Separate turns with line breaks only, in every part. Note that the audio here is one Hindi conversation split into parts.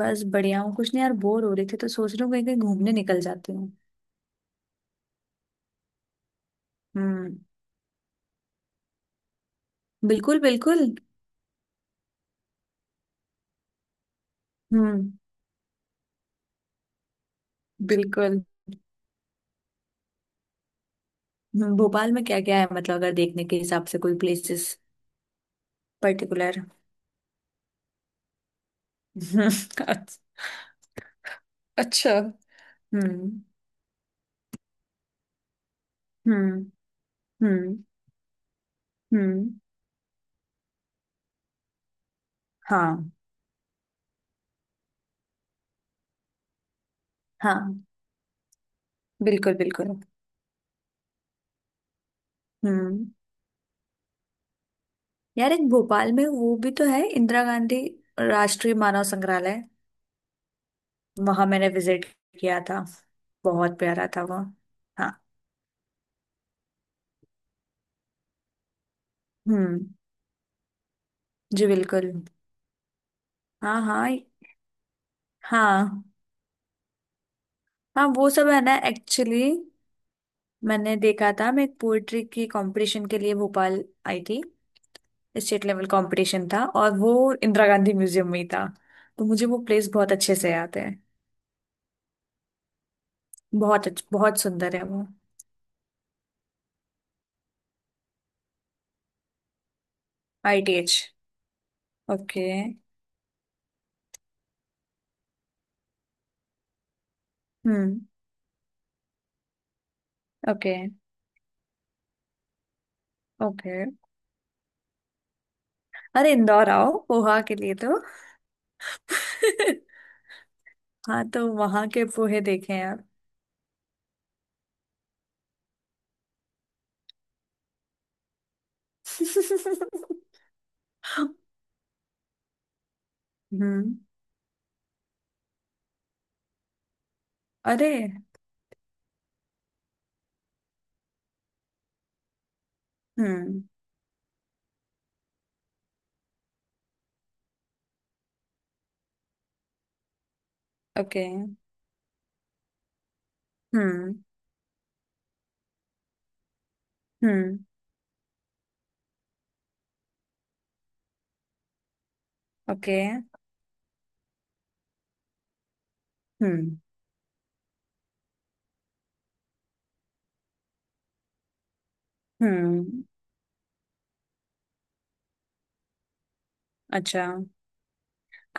बस बढ़िया हूँ। कुछ नहीं यार, बोर हो रही थी तो सोच रही हूँ कहीं कहीं घूमने निकल जाती हूँ। हम्म। बिल्कुल बिल्कुल। हम्म। बिल्कुल। भोपाल में क्या क्या है, मतलब अगर देखने के हिसाब से कोई प्लेसेस पर्टिकुलर? अच्छा। हम्म। हम्म। हम्म। हम्म। हाँ हाँ। बिल्कुल बिल्कुल। हम्म। यार, एक भोपाल में वो भी तो है, इंदिरा गांधी राष्ट्रीय मानव संग्रहालय। वहां मैंने विजिट किया था। बहुत प्यारा था वो। हाँ। हम्म। जी बिल्कुल। हाँ हाँ। हाँ। हाँ, वो सब है ना एक्चुअली। मैंने देखा था, मैं एक पोएट्री की कंपटीशन के लिए भोपाल आई थी। स्टेट लेवल कंपटीशन था, और वो इंदिरा गांधी म्यूजियम में ही था। तो मुझे वो प्लेस बहुत अच्छे से याद है। बहुत सुंदर है वो। आईटीएच। ओके। हम्म। ओके। ओके। अरे, इंदौर आओ पोहा के लिए तो। हाँ, तो वहां के पोहे देखे हैं आप? हम्म। अरे। Hmm. Okay. Hmm. Hmm. Okay. Hmm. Hmm. अच्छा।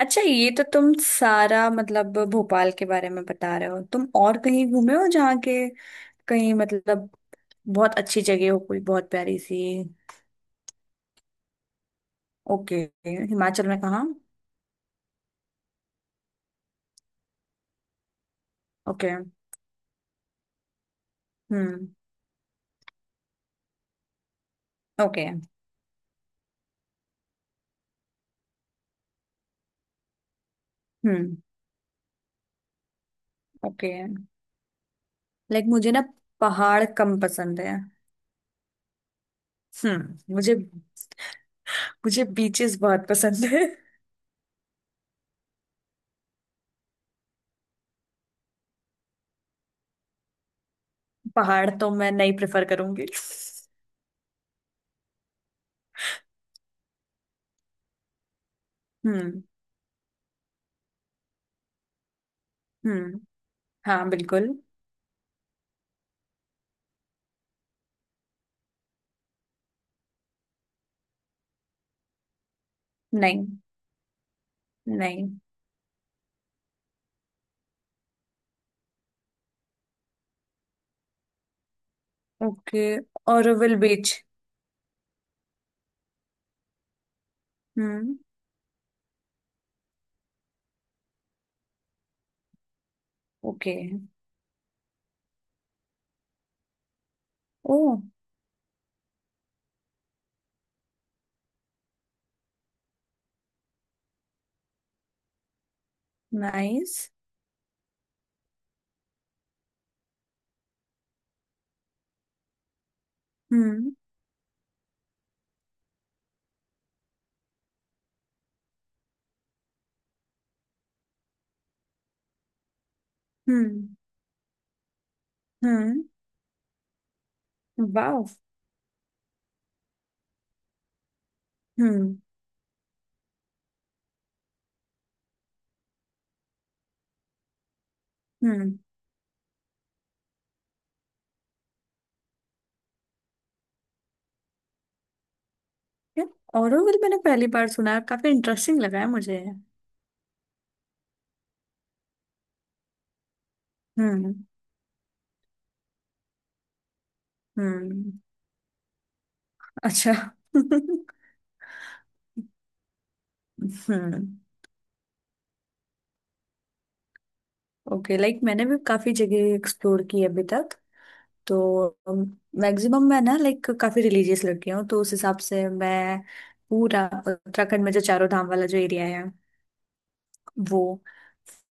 अच्छा, ये तो तुम सारा मतलब भोपाल के बारे में बता रहे हो, तुम और कहीं घूमे हो जहाँ के? कहीं मतलब बहुत अच्छी जगह हो, कोई बहुत प्यारी सी? ओके। हिमाचल में कहाँ? Okay. Hmm. Okay. Hmm. Okay, like मुझे ना पहाड़ कम पसंद है। हम्म, मुझे, मुझे बीचेस बहुत पसंद है। पहाड़ तो मैं नहीं प्रेफर करूंगी। हम्म। हम्म। हाँ, बिल्कुल। नहीं। नहीं। Okay. Auroville beach. Hmm. Okay. Oh. Nice. Hmm. Hmm. Hmm. वाह। हम्म। हम्म। यार, ऑरोविल मैंने पहली बार सुना है, काफी इंटरेस्टिंग लगा है मुझे। हम्म। हम्म। अच्छा। हम्म। ओके, लाइक मैंने भी काफी जगह एक्सप्लोर की है अभी तक। तो मैक्सिमम मैं ना, लाइक काफी रिलीजियस लड़की हूँ, तो उस हिसाब से मैं पूरा उत्तराखंड में जो चारों धाम वाला जो एरिया है वो,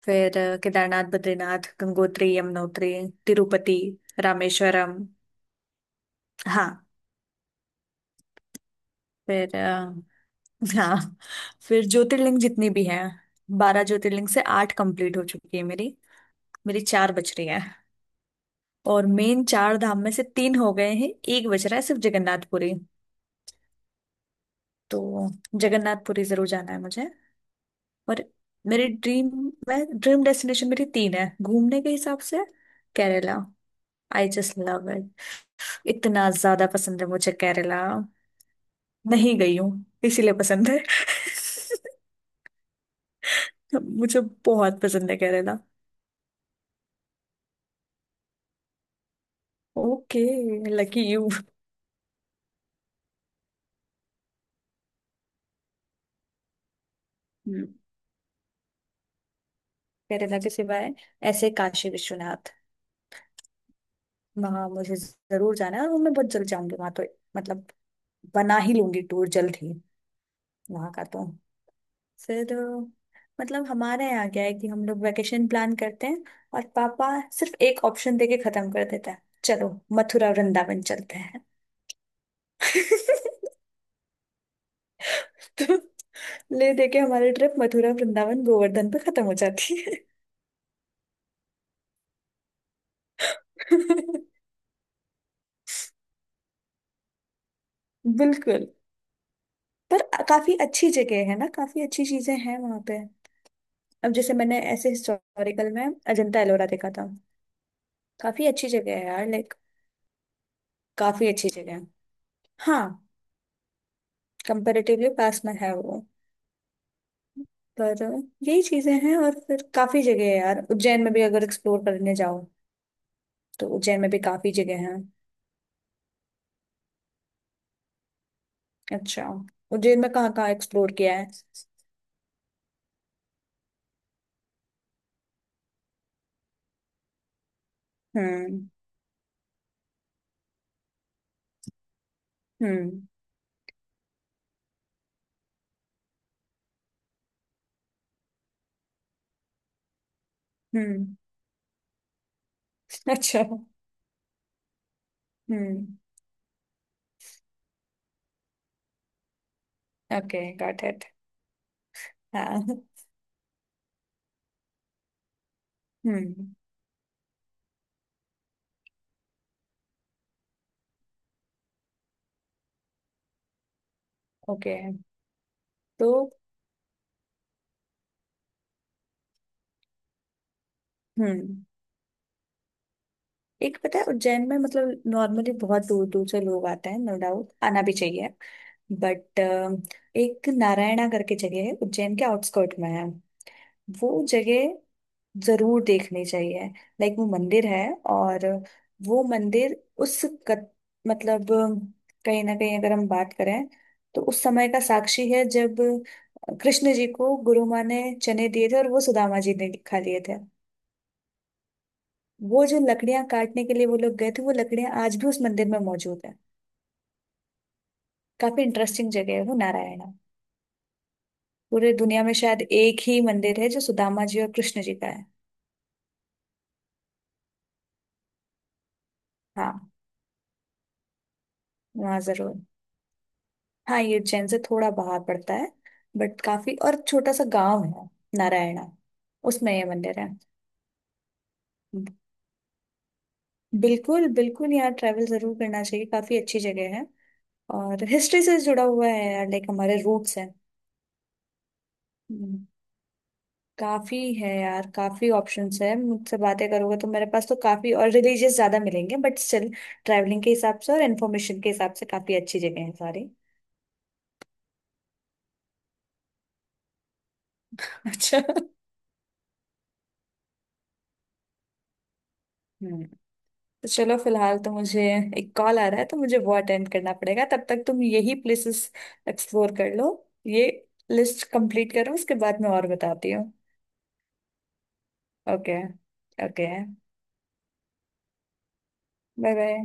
फिर केदारनाथ, बद्रीनाथ, गंगोत्री, यमुनोत्री, तिरुपति, रामेश्वरम। हाँ। फिर हाँ, फिर ज्योतिर्लिंग जितनी भी हैं, 12 ज्योतिर्लिंग से 8 कंप्लीट हो चुकी है मेरी। मेरी 4 बच रही हैं। और मेन 4 धाम में से 3 हो गए हैं। एक बच रहा है सिर्फ जगन्नाथपुरी। तो जगन्नाथपुरी जरूर जाना है मुझे। और मेरी ड्रीम, मैं ड्रीम डेस्टिनेशन मेरी 3 है घूमने के हिसाब से। Kerala, I just love it. इतना ज्यादा पसंद है मुझे केरला। नहीं गई हूँ इसीलिए पसंद है। मुझे बहुत पसंद है Kerala. Okay. Lucky you. Kerala के सिवाय ऐसे काशी विश्वनाथ, वहां मुझे जरूर जाना है, और वो मैं बहुत जल्द जाऊंगी वहां तो। मतलब बना ही लूंगी टूर जल्द ही वहां का तो। फिर मतलब हमारे यहाँ क्या है कि हम लोग वेकेशन प्लान करते हैं और पापा सिर्फ एक ऑप्शन देके खत्म कर देता है, चलो मथुरा वृंदावन चलते हैं। तो ले दे के हमारी ट्रिप मथुरा वृंदावन गोवर्धन पे खत्म हो जाती है। बिल्कुल। पर काफी अच्छी जगह है ना, काफी अच्छी चीजें हैं वहां पे। अब जैसे मैंने ऐसे हिस्टोरिकल में अजंता एलोरा देखा था। काफी अच्छी जगह है यार, लाइक। काफी अच्छी जगह है। हाँ। कंपेरेटिवली पास में है वो। पर यही चीजें हैं, और फिर काफी जगह है यार उज्जैन में भी अगर एक्सप्लोर करने जाओ तो। उज्जैन में भी काफी जगह हैं। अच्छा, उज्जैन में कहाँ कहाँ एक्सप्लोर किया है? हम्म। हम्म। हम्म। अच्छा। हम्म। Okay got it. हाँ। हम्म। ओके। तो, हम्म, एक पता है उज्जैन में मतलब नॉर्मली बहुत दूर दूर से लोग आते हैं, नो डाउट आना भी चाहिए, बट एक नारायणा करके जगह है, उज्जैन के आउटस्कर्ट में है। वो जगह जरूर देखनी चाहिए। लाइक वो मंदिर है। और वो मंदिर उस कत, मतलब कहीं ना कहीं अगर हम बात करें तो उस समय का साक्षी है, जब कृष्ण जी को गुरु माँ ने चने दिए थे और वो सुदामा जी ने खा लिए थे। वो जो लकड़ियां काटने के लिए वो लोग गए थे, वो लकड़ियां आज भी उस मंदिर में मौजूद है। काफी इंटरेस्टिंग जगह है वो नारायणा। पूरे दुनिया में शायद एक ही मंदिर है जो सुदामा जी और कृष्ण जी का है। हाँ, वहाँ जरूर। हाँ, ये उज्जैन से थोड़ा बाहर पड़ता है। बट काफी और छोटा सा गांव है नारायणा, उसमें ये मंदिर है। बिल्कुल बिल्कुल, यहाँ ट्रैवल जरूर करना चाहिए, काफी अच्छी जगह है। और हिस्ट्री से जुड़ा हुआ है यार, लाइक हमारे रूट्स हैं। हम्म, काफी है यार, काफी ऑप्शंस है। मुझसे बातें करोगे तो मेरे पास तो काफी और रिलीजियस ज्यादा मिलेंगे, बट स्टिल ट्रैवलिंग के हिसाब से और इन्फॉर्मेशन के हिसाब से काफी अच्छी जगह है सारी। अच्छा। हम्म, तो चलो फिलहाल तो मुझे एक कॉल आ रहा है, तो मुझे वो अटेंड करना पड़ेगा। तब तक तुम यही प्लेसेस एक्सप्लोर कर लो, ये लिस्ट कंप्लीट करो, उसके बाद मैं और बताती हूँ। ओके। ओके। Bye bye.